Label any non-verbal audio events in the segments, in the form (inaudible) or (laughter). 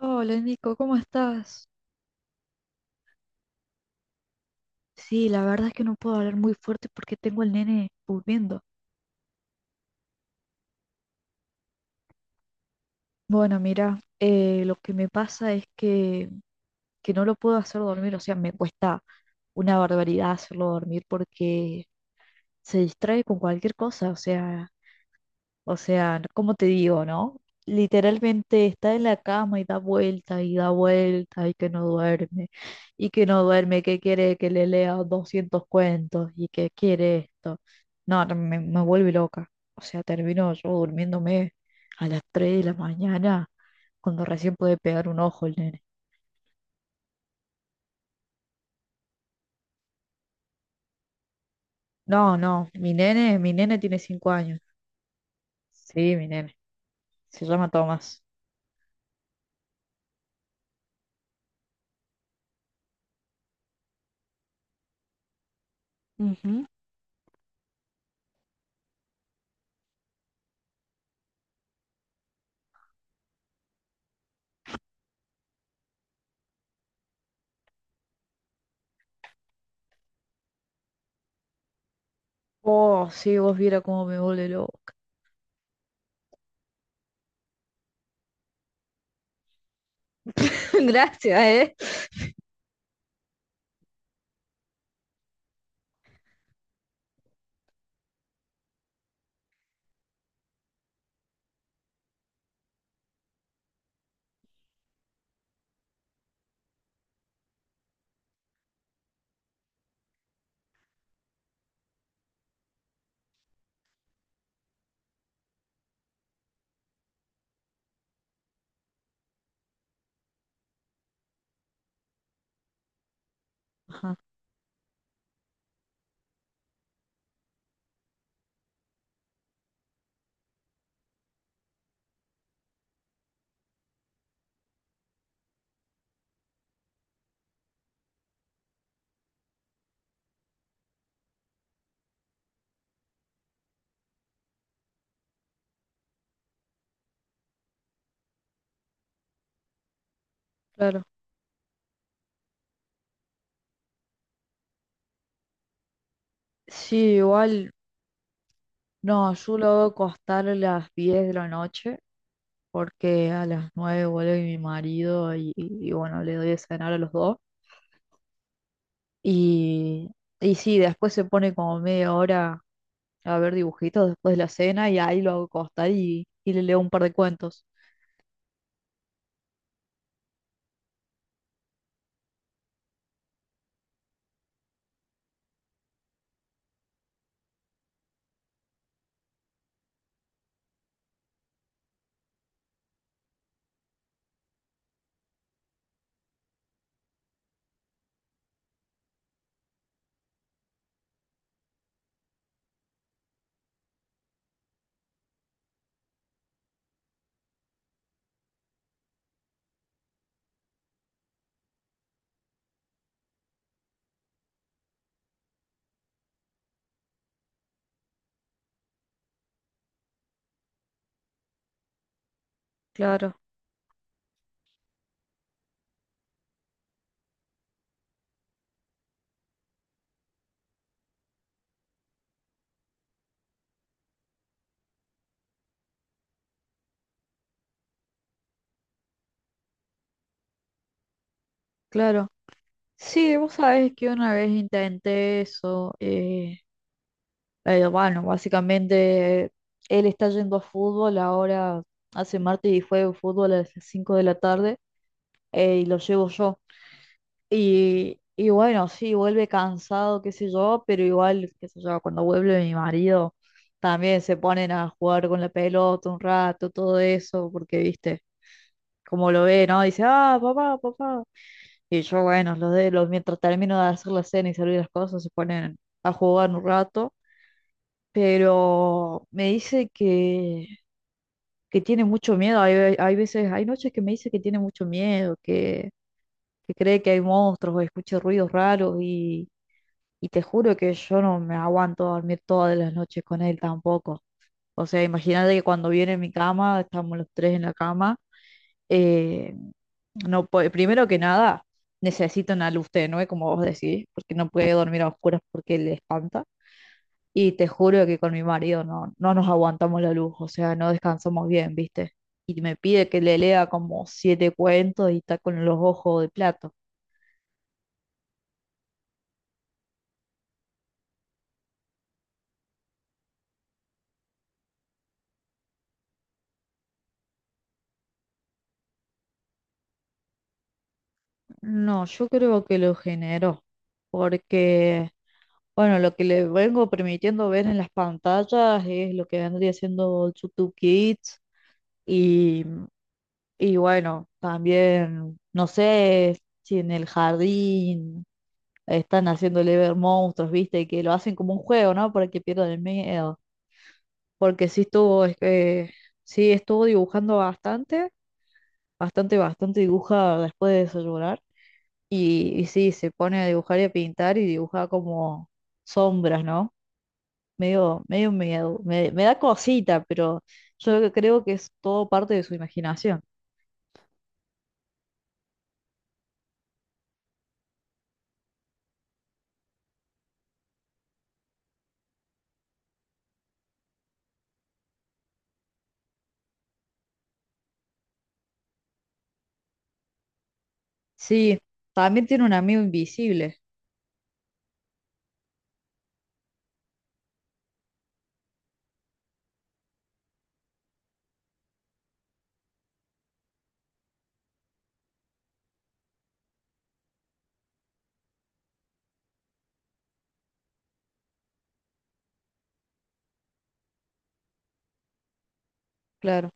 Hola Nico, ¿cómo estás? Sí, la verdad es que no puedo hablar muy fuerte porque tengo al nene durmiendo. Bueno, mira, lo que me pasa es que no lo puedo hacer dormir, o sea, me cuesta una barbaridad hacerlo dormir porque se distrae con cualquier cosa, o sea, no, como te digo, ¿no? Literalmente está en la cama y da vuelta y da vuelta y que no duerme y que no duerme, que quiere que le lea 200 cuentos y que quiere esto. No, no, me vuelve loca. O sea, termino yo durmiéndome a las 3 de la mañana cuando recién puede pegar un ojo el nene. No, no, mi nene tiene 5 años. Sí, mi nene. Se llama Tomás. Ujú. Oh, sí, vos viera cómo me vuelve loca. (laughs) Gracias, ¿eh? Ajá, claro. Sí, igual, no, yo lo hago acostar a las 10 de la noche porque a las 9 vuelve mi marido y bueno, le doy de cenar a los dos. Y, y sí, después se pone como media hora a ver dibujitos después de la cena y ahí lo hago acostar y le leo un par de cuentos. Claro, claro. Sí, vos sabés que una vez intenté eso. Bueno, básicamente él está yendo a fútbol ahora, hace martes y juega fútbol a las 5 de la tarde, y lo llevo yo. Y bueno, sí, vuelve cansado, qué sé yo, pero igual, qué sé yo, cuando vuelve mi marido, también se ponen a jugar con la pelota un rato, todo eso, porque viste, como lo ve, ¿no? Dice, ah, papá, papá. Y yo, bueno, mientras termino de hacer la cena y servir las cosas, se ponen a jugar un rato, pero me dice que tiene mucho miedo. Hay veces, hay noches que me dice que tiene mucho miedo, que cree que hay monstruos o escucha ruidos raros, y te juro que yo no me aguanto a dormir todas las noches con él tampoco. O sea, imagínate que cuando viene a mi cama, estamos los tres en la cama, eh, primero que nada, necesito una luz tenue, como vos decís, porque no puede dormir a oscuras porque le espanta. Y te juro que con mi marido no, no nos aguantamos la luz, o sea, no descansamos bien, ¿viste? Y me pide que le lea como siete cuentos y está con los ojos de plato. No, yo creo que lo generó, porque, bueno, lo que le vengo permitiendo ver en las pantallas es lo que vendría siendo YouTube Kids, y, y bueno, también, no sé si en el jardín están haciéndole ver monstruos, ¿viste? Que lo hacen como un juego, ¿no? Para que pierdan el miedo. Porque sí estuvo, es que sí estuvo dibujando bastante, bastante, bastante dibuja después de desayunar. Y sí, se pone a dibujar y a pintar y dibuja como sombras, ¿no? Medio, medio miedo. Me da cosita, pero yo creo que es todo parte de su imaginación. Sí, también tiene un amigo invisible, claro.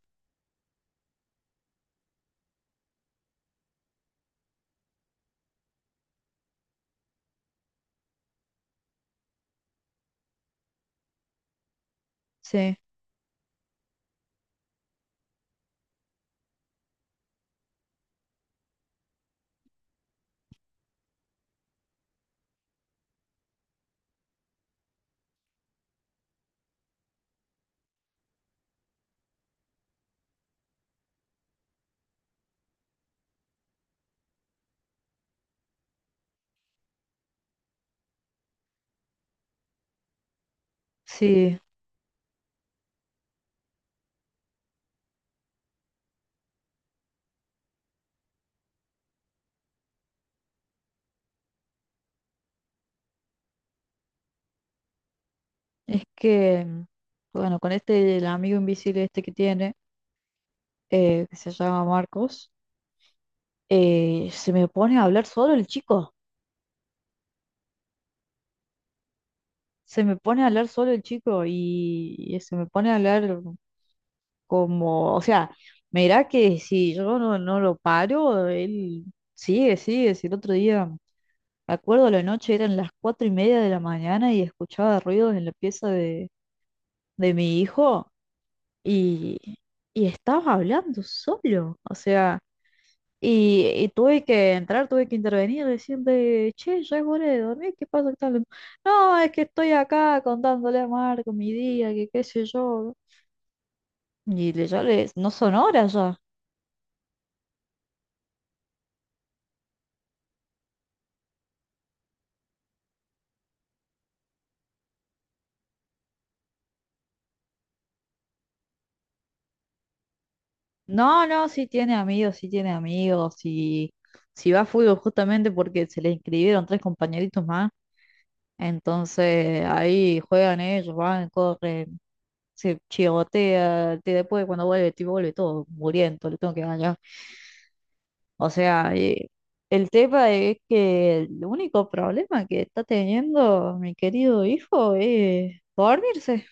Sí, sí. Es que, bueno, con este, el amigo invisible este que tiene, que se llama Marcos, se me pone a hablar solo el chico, se me pone a hablar solo el chico, y se me pone a hablar como, o sea, mirá que si yo no, no lo paro, él sigue, sigue, si el otro día, me acuerdo la noche, eran las 4:30 de la mañana y escuchaba ruidos en la pieza de mi hijo, y, y estaba hablando solo, o sea... Y tuve que entrar, tuve que intervenir, decir che, ya es hora de dormir, ¿qué pasa? ¿Qué tal? No, es que estoy acá contándole a Marco mi día, que qué sé yo. Ya le, no son horas ya. No, no, sí tiene amigos, si va a fútbol justamente porque se le inscribieron tres compañeritos más, entonces ahí juegan ellos, van, corren, se chigotea, después cuando vuelve, tipo, vuelve todo muriendo, le tengo que ganar. O sea, el tema es que el único problema que está teniendo mi querido hijo es dormirse.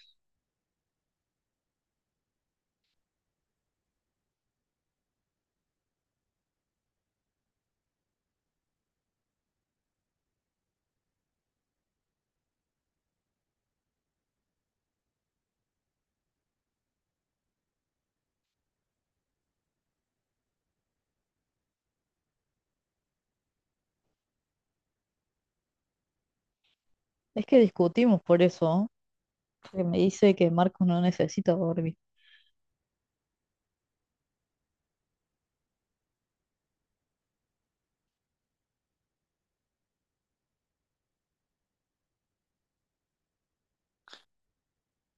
Es que discutimos por eso, porque me dice que Marcos no necesita dormir.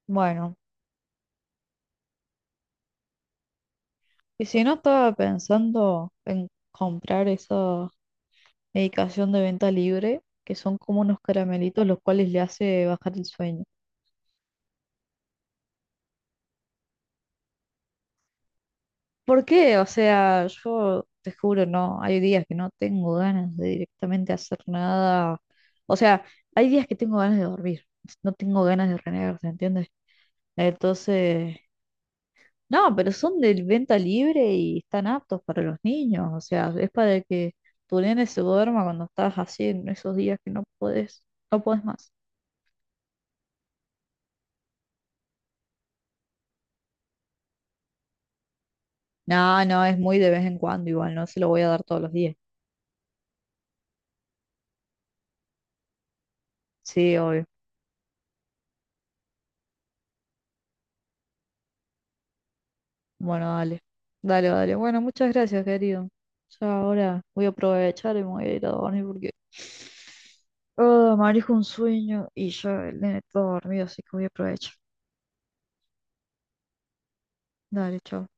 Bueno, y si no estaba pensando en comprar esa medicación de venta libre, que son como unos caramelitos los cuales le hace bajar el sueño. ¿Por qué? O sea, yo te juro, no, hay días que no tengo ganas de directamente hacer nada. O sea, hay días que tengo ganas de dormir, no tengo ganas de renegar, ¿se entiende? Entonces, no, pero son de venta libre y están aptos para los niños, o sea, es para que tu nene se duerma cuando estás así en esos días que no podés, no podés más. No, no, es muy de vez en cuando igual, no se lo voy a dar todos los días. Sí, obvio. Bueno, dale. Dale, dale. Bueno, muchas gracias, querido. Ya ahora voy a aprovechar y me voy a ir a dormir porque ah, me manejo un sueño y ya el nene está dormido, así que voy a aprovechar. Dale, chao.